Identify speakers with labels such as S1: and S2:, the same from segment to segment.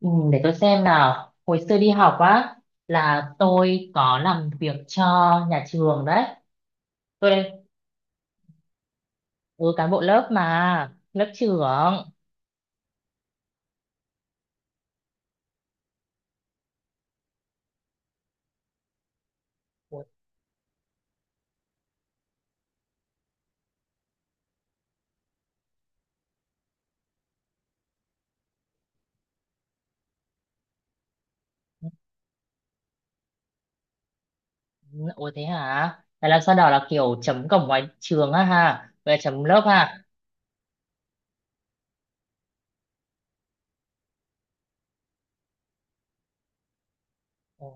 S1: Ừ, để tôi xem nào. Hồi xưa đi học á là tôi có làm việc cho nhà trường đấy. Tôi đây, ừ, cán bộ lớp mà, lớp trưởng. Ủa, ủa, thế hả? Là làm sao đó là kiểu chấm cổng ngoài trường á ha, về chấm lớp ha. Ồ,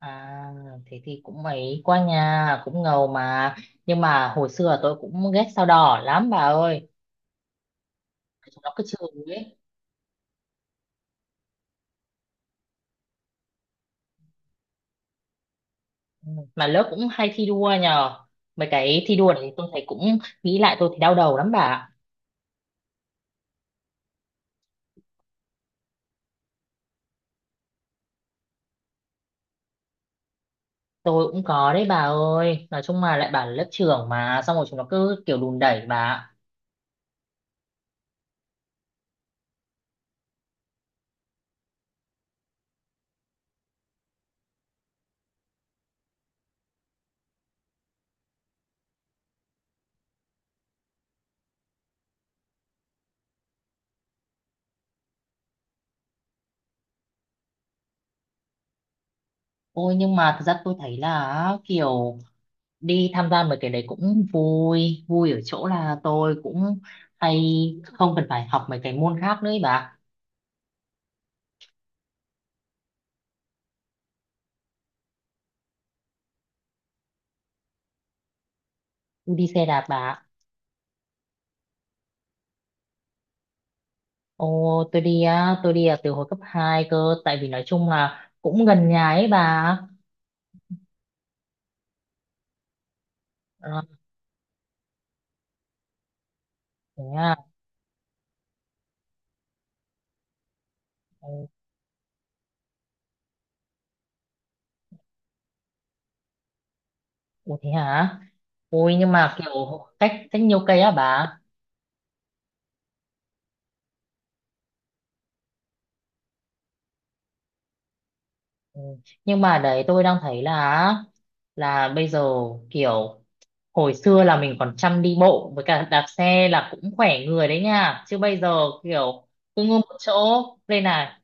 S1: à, thế thì cũng mấy qua nhà, cũng ngầu mà. Nhưng mà hồi xưa tôi cũng ghét sao đỏ lắm bà ơi. Chúng nó cứ chửi ấy. Mà lớp cũng hay thi đua nhờ, mấy cái thi đua này tôi thấy cũng nghĩ lại tôi thấy đau đầu lắm bà ạ. Tôi cũng có đấy bà ơi, nói chung mà lại bảo là lớp trưởng mà xong rồi chúng nó cứ kiểu đùn đẩy bà ạ. Ôi nhưng mà thật ra tôi thấy là kiểu đi tham gia mấy cái đấy cũng vui vui ở chỗ là tôi cũng hay không cần phải học mấy cái môn khác nữa ý bà. Tôi đi xe đạp bà ạ. Ồ, tôi đi á, tôi đi à, từ hồi cấp 2 cơ, tại vì nói chung là cũng gần nhà ấy bà. Ờ, thế à. Ồ, ủa thế hả? Ôi nhưng mà kiểu cách cách nhiều cây á bà. Ừ. Nhưng mà đấy tôi đang thấy là bây giờ kiểu hồi xưa là mình còn chăm đi bộ với cả đạp xe là cũng khỏe người đấy nha. Chứ bây giờ kiểu cứ ngưng một chỗ đây này.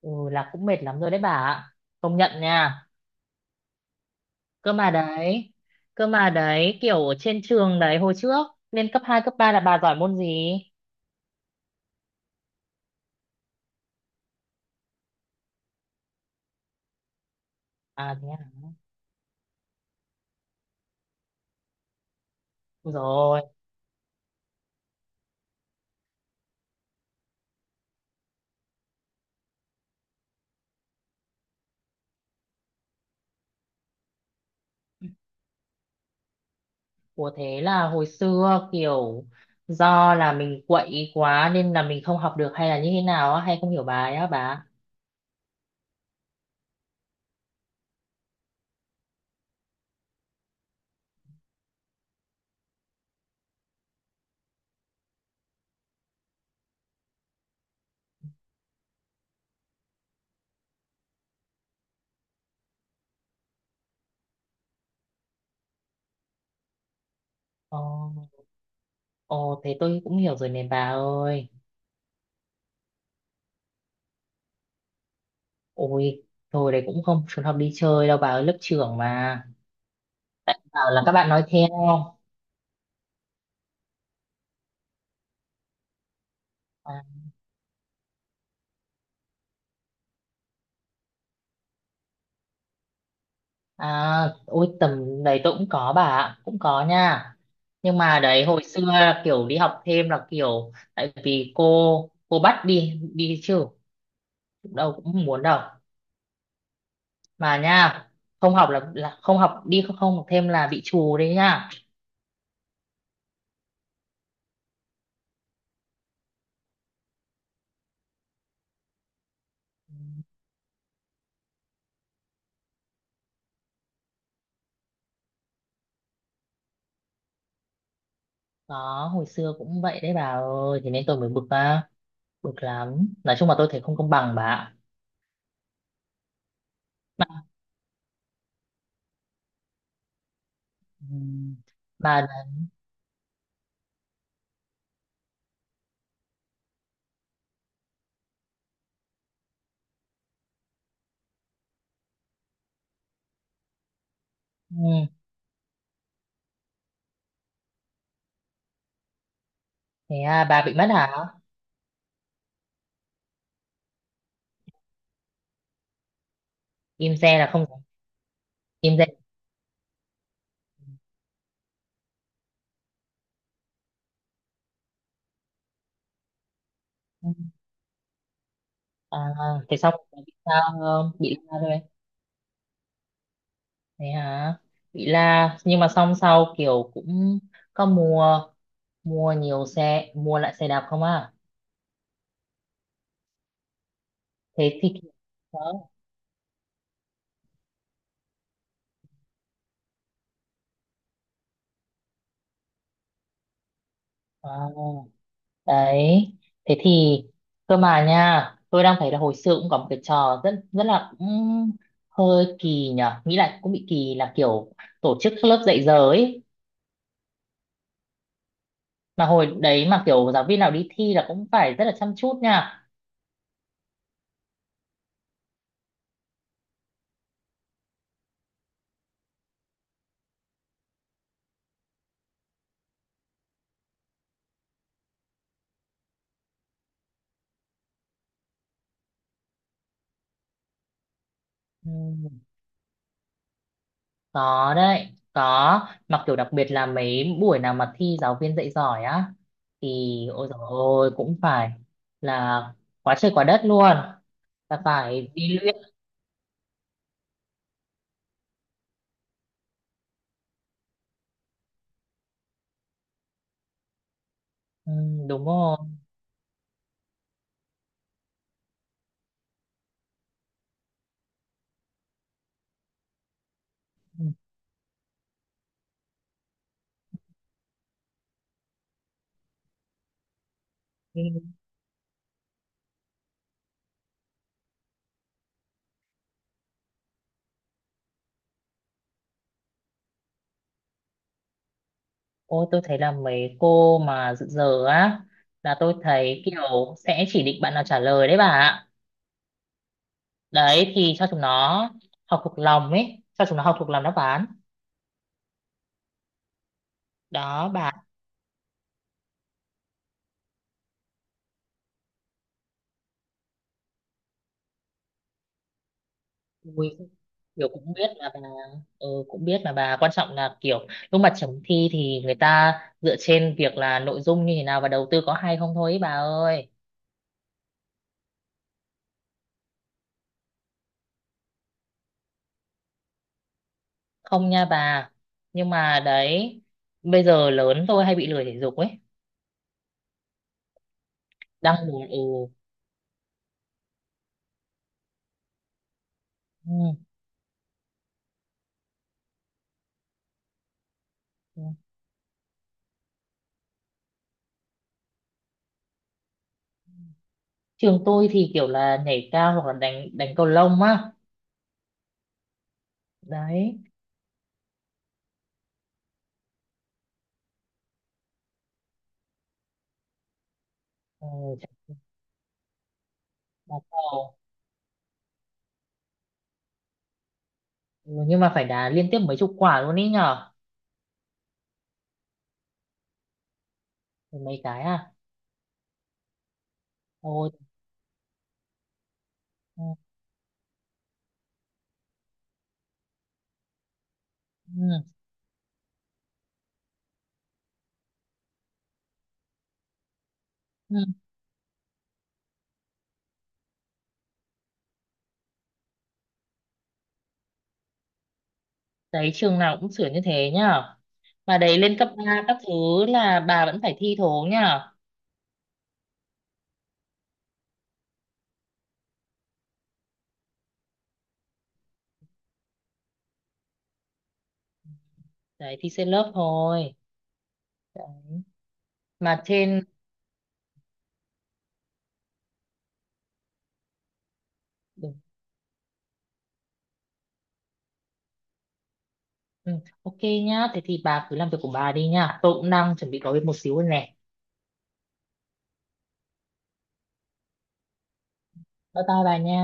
S1: Ừ là cũng mệt lắm rồi đấy bà ạ. Công nhận nha. Cơ mà đấy. Cơ mà đấy kiểu ở trên trường đấy hồi trước lên cấp 2 cấp 3 là bà giỏi môn gì? À thế à. Rồi. Ủa thế là hồi xưa kiểu do là mình quậy quá nên là mình không học được hay là như thế nào á hay không hiểu bài á bà? Ồ, ồ thế tôi cũng hiểu rồi này bà ơi. Ôi, thôi đấy cũng không trốn học đi chơi đâu bà ơi, lớp trưởng mà. Bảo là các bạn nói theo. À, à, ôi tầm đấy tôi cũng có bà ạ, cũng có nha. Nhưng mà đấy hồi xưa là kiểu đi học thêm là kiểu tại vì cô bắt đi đi chứ đâu cũng không muốn đâu. Mà nha không học là không học đi không, không học thêm là bị trù đấy nha. Đó hồi xưa cũng vậy đấy bà ơi thế nên tôi mới bực á, bực lắm nói chung là tôi thấy không công bằng bà ạ. Ừ. Bà là- ừ. Thế à, bà bị mất hả? Im re là không im re. Ừ. À, thế xong bà bị sao không, bị la thôi? Thế hả, bị la nhưng mà xong sau kiểu cũng có mua, mua nhiều xe mua lại xe đạp không à? Thế thì đó. À, đấy thế thì cơ mà nha tôi đang thấy là hồi xưa cũng có một cái trò rất rất là cũng hơi kỳ nhở nghĩ lại cũng bị kỳ là kiểu tổ chức các lớp dạy giờ ấy, mà hồi đấy mà kiểu giáo viên nào đi thi là cũng phải rất là chăm chút nha. Ừ, có đấy, có mà kiểu đặc biệt là mấy buổi nào mà thi giáo viên dạy giỏi á thì ôi dồi ôi cũng phải là quá trời quá đất luôn, là phải đi luyện. Ừ, đúng rồi. Ừ. Ôi tôi thấy là mấy cô mà dự giờ á là tôi thấy kiểu sẽ chỉ định bạn nào trả lời đấy bà ạ. Đấy thì cho chúng nó học thuộc lòng ấy, cho chúng nó học thuộc lòng đáp án. Đó bà. Ui, kiểu cũng biết mà bà. Ừ, cũng biết mà bà, quan trọng là kiểu lúc mà chấm thi thì người ta dựa trên việc là nội dung như thế nào và đầu tư có hay không thôi ấy, bà ơi. Không nha bà. Nhưng mà đấy bây giờ lớn tôi hay bị lười thể dục ấy, đang buồn. Ừ. Ừ. Ừ. Trường tôi thì kiểu là nhảy cao hoặc là đánh đánh cầu lông á. Đấy, ừ, chạy, đá cầu. Ừ, nhưng mà phải đá liên tiếp mấy chục quả luôn ý nhở. Ừ, mấy cái à. Ôi. Ừ, ừ, ừ. Đấy trường nào cũng sửa như thế nhở. Mà đấy lên cấp 3 các thứ là bà vẫn phải thi thố nhở. Đấy thi trên lớp thôi đấy. Mà trên, ừ, ừ, ok nhá thế thì bà cứ làm việc của bà đi nhá, tôi cũng đang chuẩn bị có việc một xíu rồi nè. Bye bye bà nha.